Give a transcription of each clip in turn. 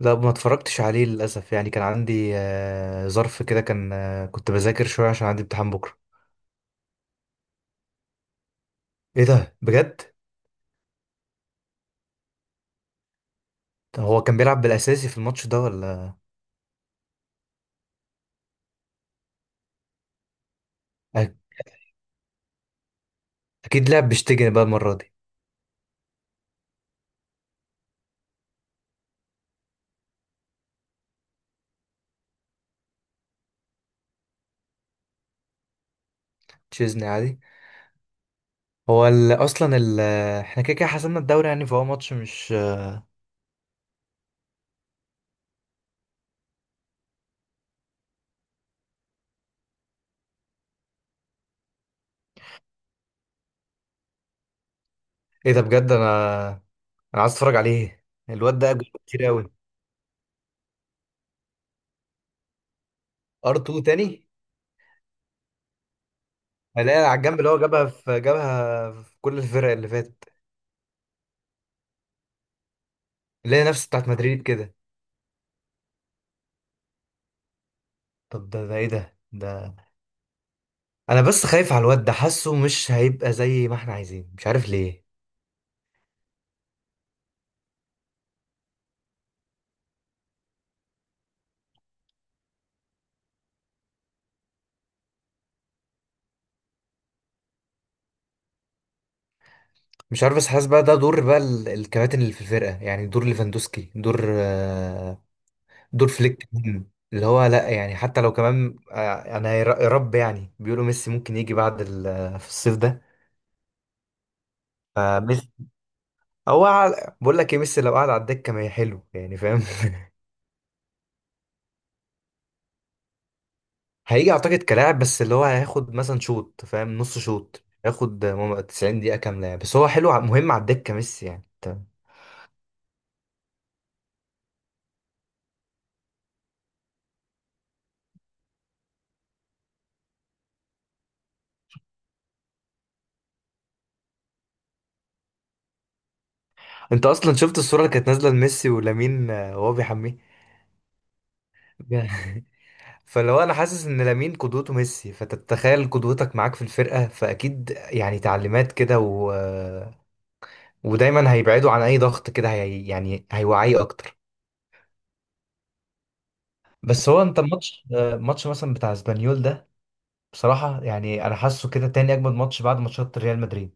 لا، ما اتفرجتش عليه للاسف. يعني كان عندي ظرف كده. كان كنت بذاكر شويه عشان عندي امتحان بكره. ايه ده بجد؟ طب هو كان بيلعب بالاساسي في الماتش ده ولا؟ أك- اكيد لعب بشتيجن بقى المره دي. تشيزني عادي. هو اصلا احنا كده كده حسمنا الدوري، يعني فهو ماتش مش... ايه ده بجد! انا عايز اتفرج عليه. الواد ده أجوبة كتير قوي. ار 2 تاني. الاقي على الجنب اللي هو جابها في كل الفرق اللي فاتت، اللي هي نفس بتاعت مدريد كده. طب ده ده ايه ده؟ انا بس خايف على الواد ده، حاسه مش هيبقى زي ما احنا عايزين، مش عارف ليه. مش عارف، بس حاسس بقى ده دور بقى الكباتن اللي في الفرقه، يعني دور ليفاندوسكي، دور دور فليك مهم. اللي هو لا، يعني حتى لو كمان انا يا رب، يعني بيقولوا ميسي ممكن يجي بعد في الصيف ده. فميسي، بقول لك ايه، ميسي لو قعد على الدكه ما هي حلو، يعني فاهم؟ هيجي اعتقد كلاعب، بس اللي هو هياخد مثلا شوط، فاهم، نص شوط ياخد 90 دقيقه كامله يعني. بس هو حلو، مهم على الدكه ميسي يعني. انت اصلا شفت الصوره اللي كانت نازله لميسي ولامين وهو بيحميه؟ فلو انا حاسس ان لامين قدوته ميسي، فتتخيل قدوتك معاك في الفرقه، فاكيد يعني تعليمات كده و... آه، ودايما هيبعدوا عن اي ضغط كده يعني هيوعيه اكتر. بس هو انت الماتش ماتش مثلا بتاع اسبانيول ده، بصراحه يعني انا حاسه كده تاني اجمد ماتش بعد ماتشات ريال مدريد.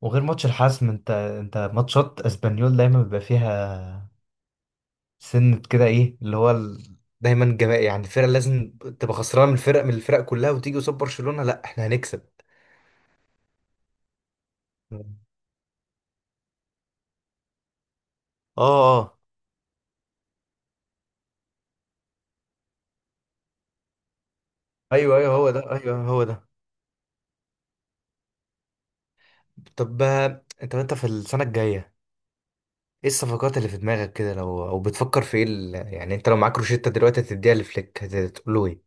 وغير ماتش الحسم، انت ماتشات اسبانيول دايما بيبقى فيها سنة كده، ايه اللي هو دايما جماعي. يعني الفرقة لازم تبقى خسرانة من الفرق كلها، وتيجي قصاد برشلونة لا احنا هنكسب. اه. اه. ايوه، ايوه، هو ده. ايوه، هو ده. طب، انت في السنة الجاية، ايه الصفقات اللي في دماغك كده؟ لو او بتفكر في ايه يعني انت لو معاك روشيتا دلوقتي هتديها لفليك، هتقول له ايه؟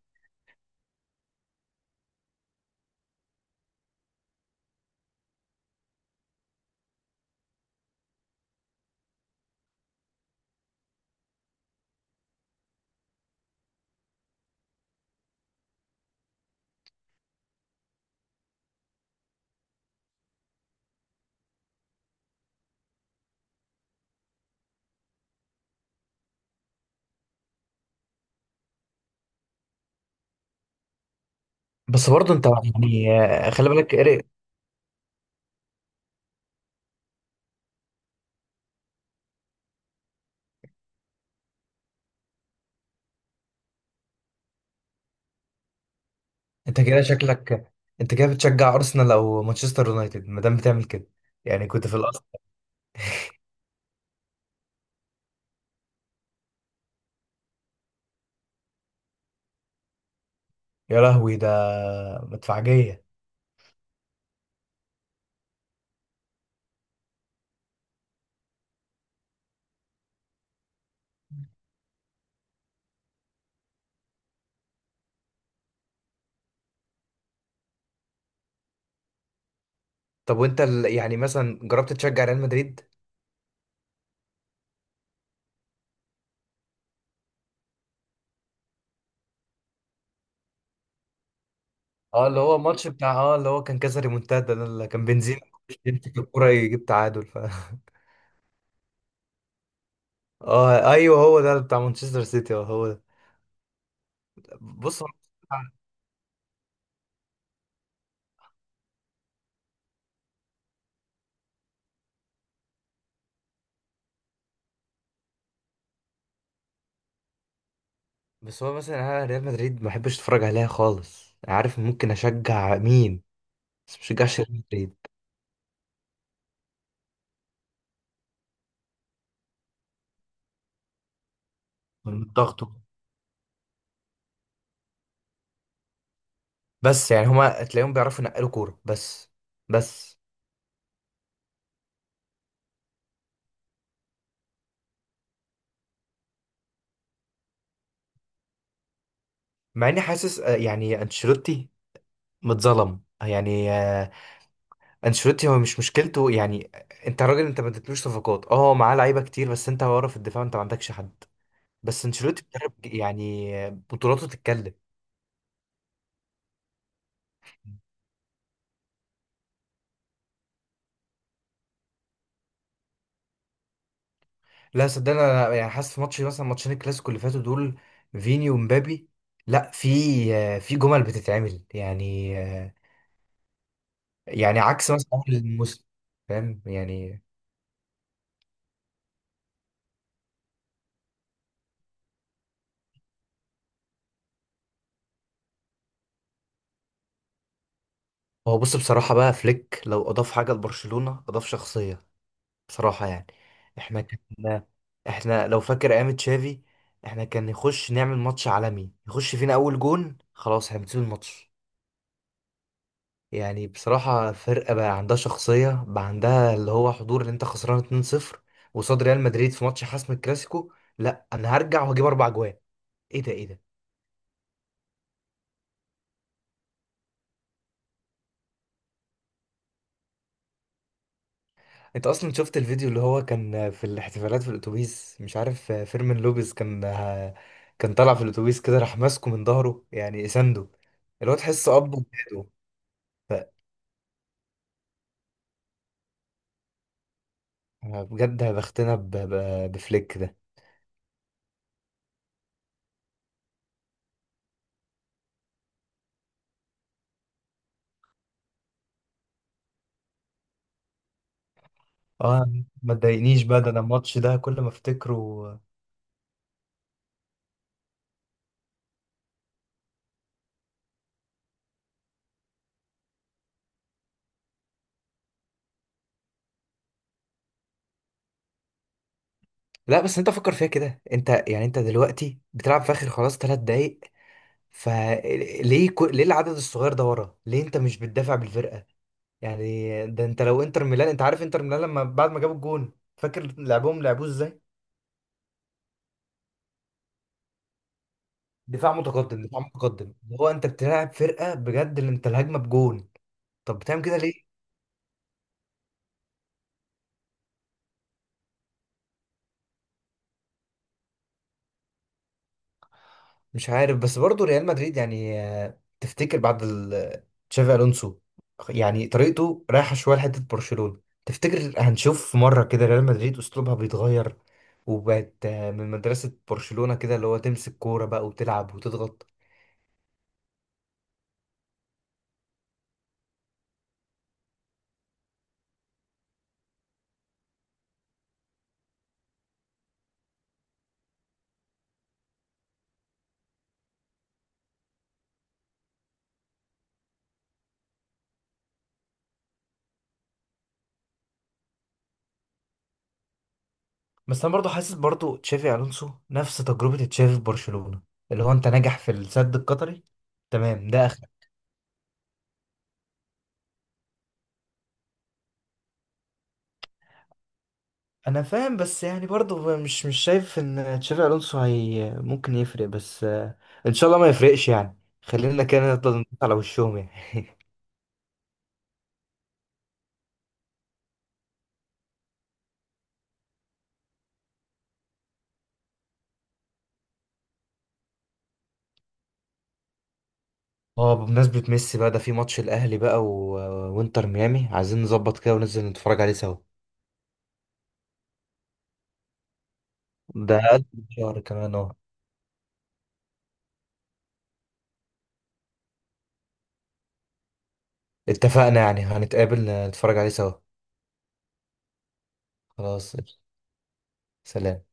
بس برضه انت يعني خلي بالك إيريك. انت كده شكلك انت كده بتشجع ارسنال او مانشستر يونايتد ما دام بتعمل كده، يعني كنت في الاصل؟ يا لهوي! ده مدفعجية. طب وانت يعني مثلا جربت تشجع ريال مدريد؟ اه، اللي هو ماتش بتاع، اه، اللي هو كان كذا ريمونتادا ده اللي كان بنزيما يمسك الكرة يجيب تعادل اه ايوه، هو ده بتاع مانشستر سيتي، اه هو ده. بص هو. بس هو مثلا انا ريال مدريد ما بحبش اتفرج عليها خالص، عارف ممكن اشجع مين؟ بس ما بشجعش ريال مدريد. من الضغط. بس يعني هما تلاقيهم بيعرفوا ينقلوا كورة بس. بس مع اني حاسس يعني انشيلوتي متظلم يعني. انشيلوتي هو مش مشكلته يعني. انت راجل، انت ما اديتلوش صفقات، اه معاه لعيبه كتير، بس انت ورا في الدفاع انت ما عندكش حد. بس انشيلوتي بيدرب، يعني بطولاته تتكلم. لا صدقني، انا يعني حاسس في ماتش، مثلا ماتشين الكلاسيكو اللي فاتوا دول، فيني ومبابي. لا، في في جمل بتتعمل، يعني يعني عكس مثلا اول الموسم، فاهم يعني؟ هو بص، بصراحة بقى فليك لو أضاف حاجة لبرشلونة أضاف شخصية، بصراحة يعني. احنا كان احنا لو فاكر ايام تشافي، احنا كان نخش نعمل ماتش عالمي، يخش فينا اول جون، خلاص احنا بنسيب الماتش. يعني بصراحة فرقة بقى عندها شخصية، بقى عندها اللي هو حضور، اللي انت خسران 2-0 وصاد ريال مدريد في ماتش حسم الكلاسيكو، لا انا هرجع وهجيب 4 جوان. ايه ده! ايه ده! انت اصلا شفت الفيديو اللي هو كان في الاحتفالات في الاتوبيس؟ مش عارف، فيرمين لوبيز كان كان طالع في الاتوبيس كده، راح ماسكه من ظهره يعني سنده، اللي هو تحس اب وجداده. ف- بجد بختنا بفليك ده. اه ما تضايقنيش بقى، ده انا الماتش ده كل ما افتكره. لا بس انت فكر فيها كده، انت يعني انت دلوقتي بتلعب في اخر خلاص 3 دقايق، فليه ليه العدد الصغير ده ورا؟ ليه انت مش بتدافع بالفرقه؟ يعني ده انت لو انتر ميلان. انت عارف انتر ميلان لما بعد ما جابوا الجون، فاكر لعبهم لعبوه ازاي؟ دفاع متقدم، دفاع متقدم. هو انت بتلعب فرقه بجد، اللي انت الهجمه بجون، طب بتعمل كده ليه؟ مش عارف، بس برضه ريال مدريد يعني تفتكر بعد تشافي الونسو، يعني طريقته رايحه شويه لحته برشلونه، تفتكر هنشوف مره كده ريال مدريد اسلوبها بيتغير وبقت من مدرسه برشلونه كده، اللي هو تمسك كوره بقى وتلعب وتضغط؟ بس انا برضه حاسس برضه تشافي الونسو نفس تجربه تشافي في برشلونه، اللي هو انت ناجح في السد القطري، تمام ده. انا فاهم، بس يعني برضه مش شايف ان تشافي الونسو هي ممكن يفرق، بس ان شاء الله ما يفرقش يعني، خلينا كده نفضل ندوس على وشهم يعني. اه، بمناسبة ميسي بقى، ده في ماتش الاهلي بقى وانتر ميامي، عايزين نظبط كده وننزل نتفرج عليه سوا. ده أقل من شهر كمان، اه. اتفقنا يعني، هنتقابل نتفرج عليه سوا. خلاص. سلام.